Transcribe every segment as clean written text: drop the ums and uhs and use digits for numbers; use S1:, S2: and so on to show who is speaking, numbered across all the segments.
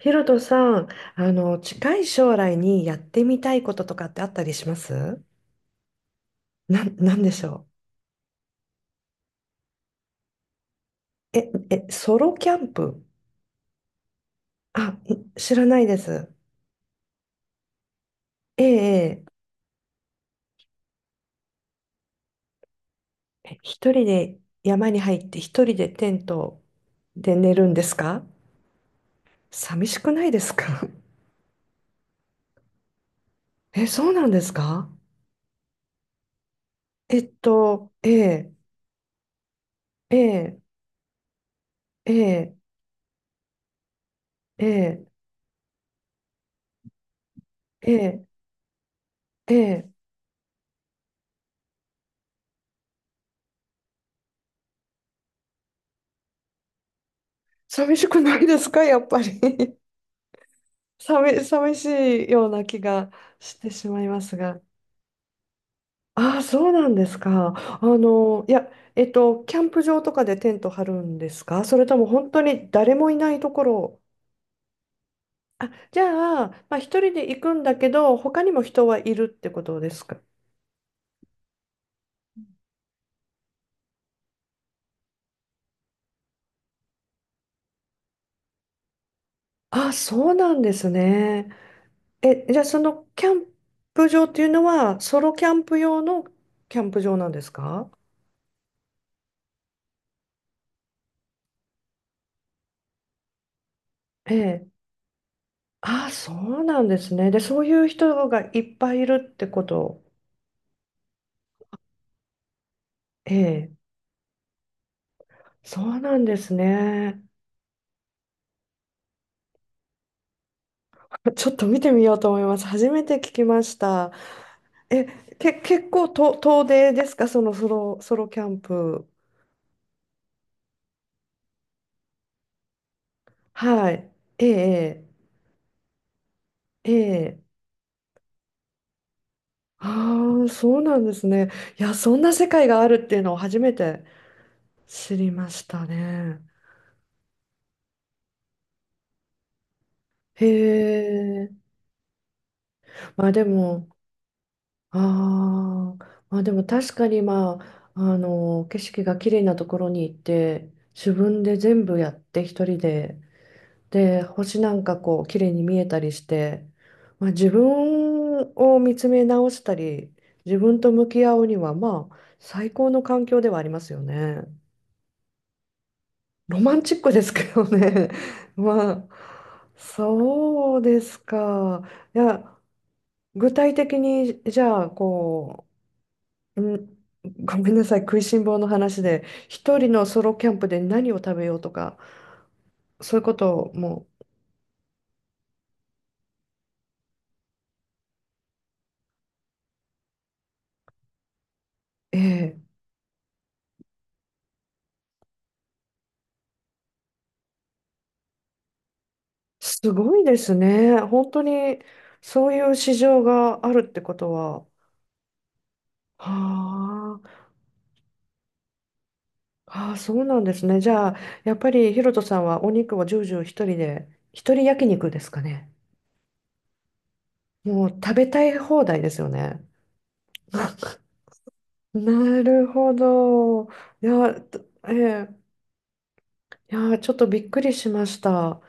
S1: ヒロトさん、近い将来にやってみたいこととかってあったりします？なんでしょう？え、え、ソロキャンプ？あ、知らないです。ええ、え一人で山に入って一人でテントで寝るんですか？寂しくないですか？ え、そうなんですか？ええ、ええ、ええ、ええ、ええ、ええ、寂しくないですかやっぱり。寂しいような気がしてしまいますが。ああ、そうなんですか。あの、いや、キャンプ場とかでテント張るんですか、それとも本当に誰もいないところ？あ、じゃあ、まあ、一人で行くんだけど、他にも人はいるってことですか？あ、そうなんですね。え、じゃあそのキャンプ場っていうのは、ソロキャンプ用のキャンプ場なんですか？ええ。あ、そうなんですね。で、そういう人がいっぱいいるってこと。ええ、そうなんですね。ちょっと見てみようと思います。初めて聞きました。え、結構と遠出ですか、そのソロキャンプ。はい。ええ、ええ。ええ、ああ、そうなんですね。いや、そんな世界があるっていうのを初めて知りましたね。へえ。まあでも、ああ、まあでも確かに、まあ、景色が綺麗なところに行って、自分で全部やって一人で、で、星なんかこう綺麗に見えたりして、まあ自分を見つめ直したり、自分と向き合うには、まあ、最高の環境ではありますよね。ロマンチックですけどね。まあ、そうですか。いや、具体的にじゃあこう、うんごめんなさい、食いしん坊の話で、一人のソロキャンプで何を食べようとか、そういうことをもう。ええ、すごいですね。本当にそういう市場があるってことは。はあ、ああ、そうなんですね。じゃあ、やっぱりヒロトさんはお肉をジュージュー一人で、一人焼肉ですかね。もう食べたい放題ですよね。なるほど。いや、ええ、いや、ちょっとびっくりしました。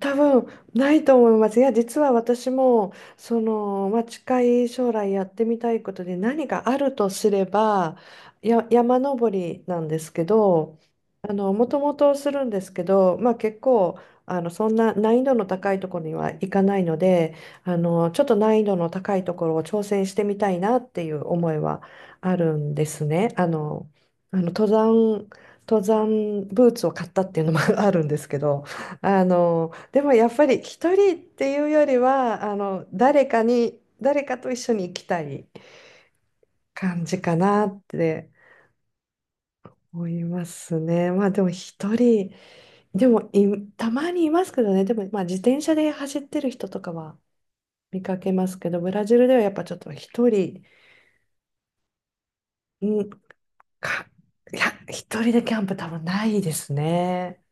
S1: 多分ないと思います。いや、実は私も、まあ、近い将来やってみたいことで何かあるとすれば、山登りなんですけど、もともとするんですけど、まあ、結構、そんな難易度の高いところには行かないので、ちょっと難易度の高いところを挑戦してみたいなっていう思いはあるんですね。あの、登山、登山ブーツを買ったっていうのも あるんですけど。でもやっぱり一人っていうよりは、誰かと一緒に行きたい感じかなって思いますね。まあでも一人でもたまにいますけどね。でもまあ自転車で走ってる人とかは見かけますけど、ブラジルではやっぱちょっと一人、うんかいや、一人でキャンプ多分ないですね。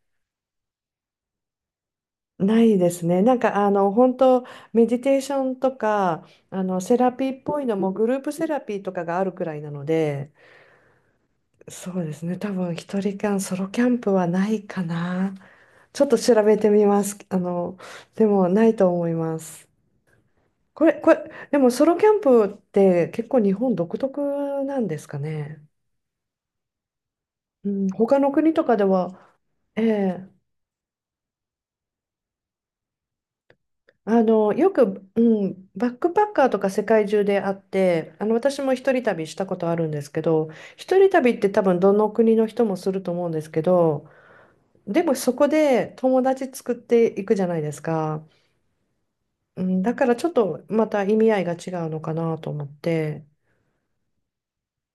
S1: ないですね。なんか本当メディテーションとかセラピーっぽいのもグループセラピーとかがあるくらいなので、そうですね。多分一人間ソロキャンプはないかな。ちょっと調べてみます。でもないと思います。これでもソロキャンプって結構日本独特なんですかね。うん、他の国とかでは、ええ、よく、バックパッカーとか世界中であって、私も一人旅したことあるんですけど、一人旅って多分どの国の人もすると思うんですけど、でもそこで友達作っていくじゃないですか。うん、だからちょっとまた意味合いが違うのかなと思って、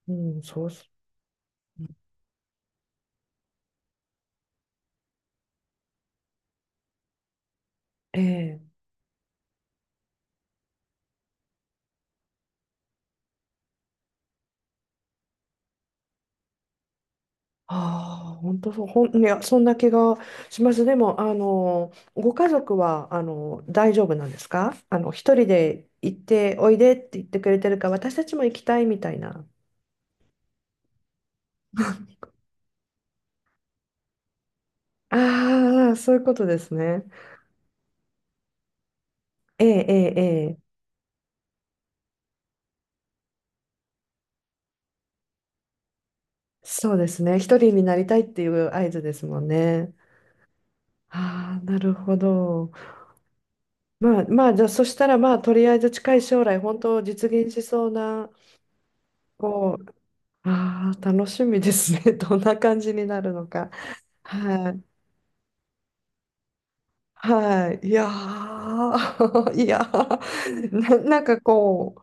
S1: うん、そうす、ええ。ああ、本当そう、いや、そんな気がします。でも、ご家族は、大丈夫なんですか？一人で行って、おいでって言ってくれてるか、私たちも行きたいみたいな。ああ、そういうことですね。ええ、ええ、ええ、そうですね。一人になりたいっていう合図ですもんね。ああ、なるほど。まあ、まあ、じゃあ、そしたら、まあ、とりあえず近い将来、本当実現しそうな、こう、ああ、楽しみですね。どんな感じになるのか。はい。はい。いやー いやー なんかこ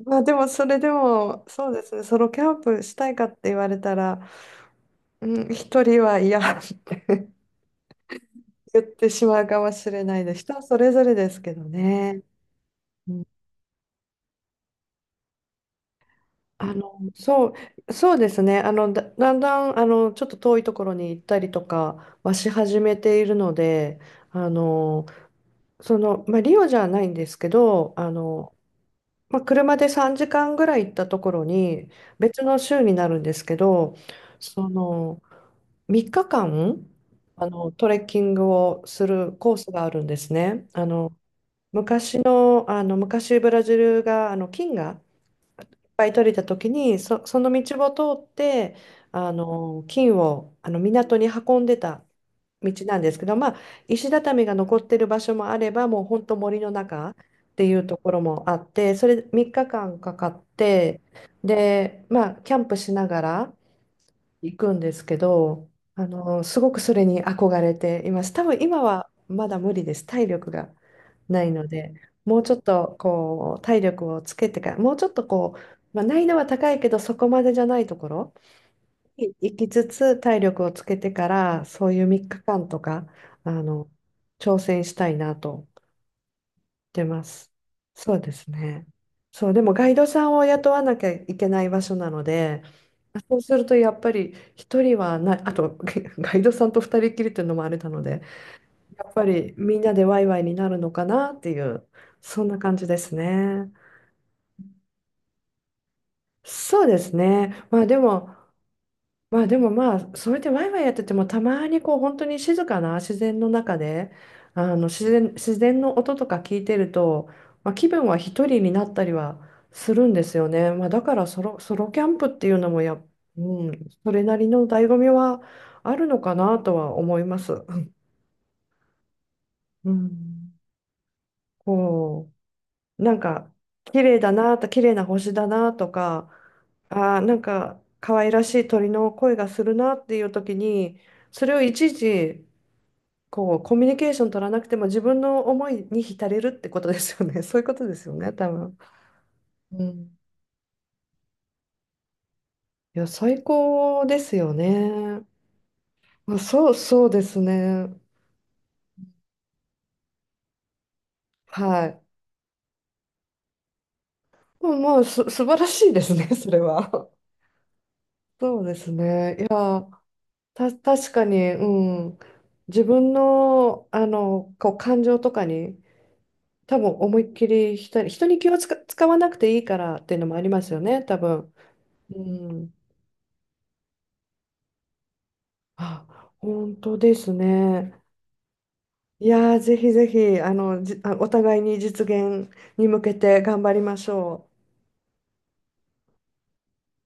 S1: う、まあでもそれでも、そうですね、ソロキャンプしたいかって言われたら、うん、一人は嫌って 言ってしまうかもしれないです。人それぞれですけどね。うん。あの、そそうですね。だんだん、ちょっと遠いところに行ったりとかはし始めているので、あの、まあ、リオじゃないんですけど、まあ、車で3時間ぐらい行ったところに、別の州になるんですけど、その、3日間、トレッキングをするコースがあるんですね。昔の、昔ブラジルが、金がいっぱい取れた時に、その道を通って、金を、港に運んでた道なんですけど、まあ、石畳が残ってる場所もあれば、もう本当森の中っていうところもあって、それ3日間かかって、で、まあ、キャンプしながら行くんですけど、すごくそれに憧れています。多分今はまだ無理です。体力がないので、もうちょっとこう、体力をつけてから、もうちょっとこう、まあ、難易度は高いけど、そこまでじゃないところ行きつつ体力をつけてから、そういう3日間とかあの挑戦したいなと思ってます。そうですね。そうでもガイドさんを雇わなきゃいけない場所なので、そうするとやっぱり一人はない。あとガイドさんと二人きりっていうのもあれなので、やっぱりみんなでワイワイになるのかなっていうそんな感じですね。そうですね。まあでもまあそうやってワイワイやっててもたまにこう本当に静かな自然の中で自然の音とか聞いてると、まあ、気分は一人になったりはするんですよね。まあ、だからソロキャンプっていうのもや、うん、それなりの醍醐味はあるのかなとは思います。うん、こう、なんか綺麗だなと、綺麗な星だなとか、なんか可愛らしい鳥の声がするなっていう時に、それをいちいちこうコミュニケーション取らなくても自分の思いに浸れるってことですよね。 そういうことですよね、多分。うん、いや最高ですよね。まあ、そう、そうですね。はい。まあまあ素晴らしいですね、それは。 そうですね。確かに、うん。自分の、こう、感情とかに、多分思いっきり人に気を使わなくていいからっていうのもありますよね、多分。うん。あ、本当ですね。いやー、ぜひぜひ、お互いに実現に向けて頑張りましょう。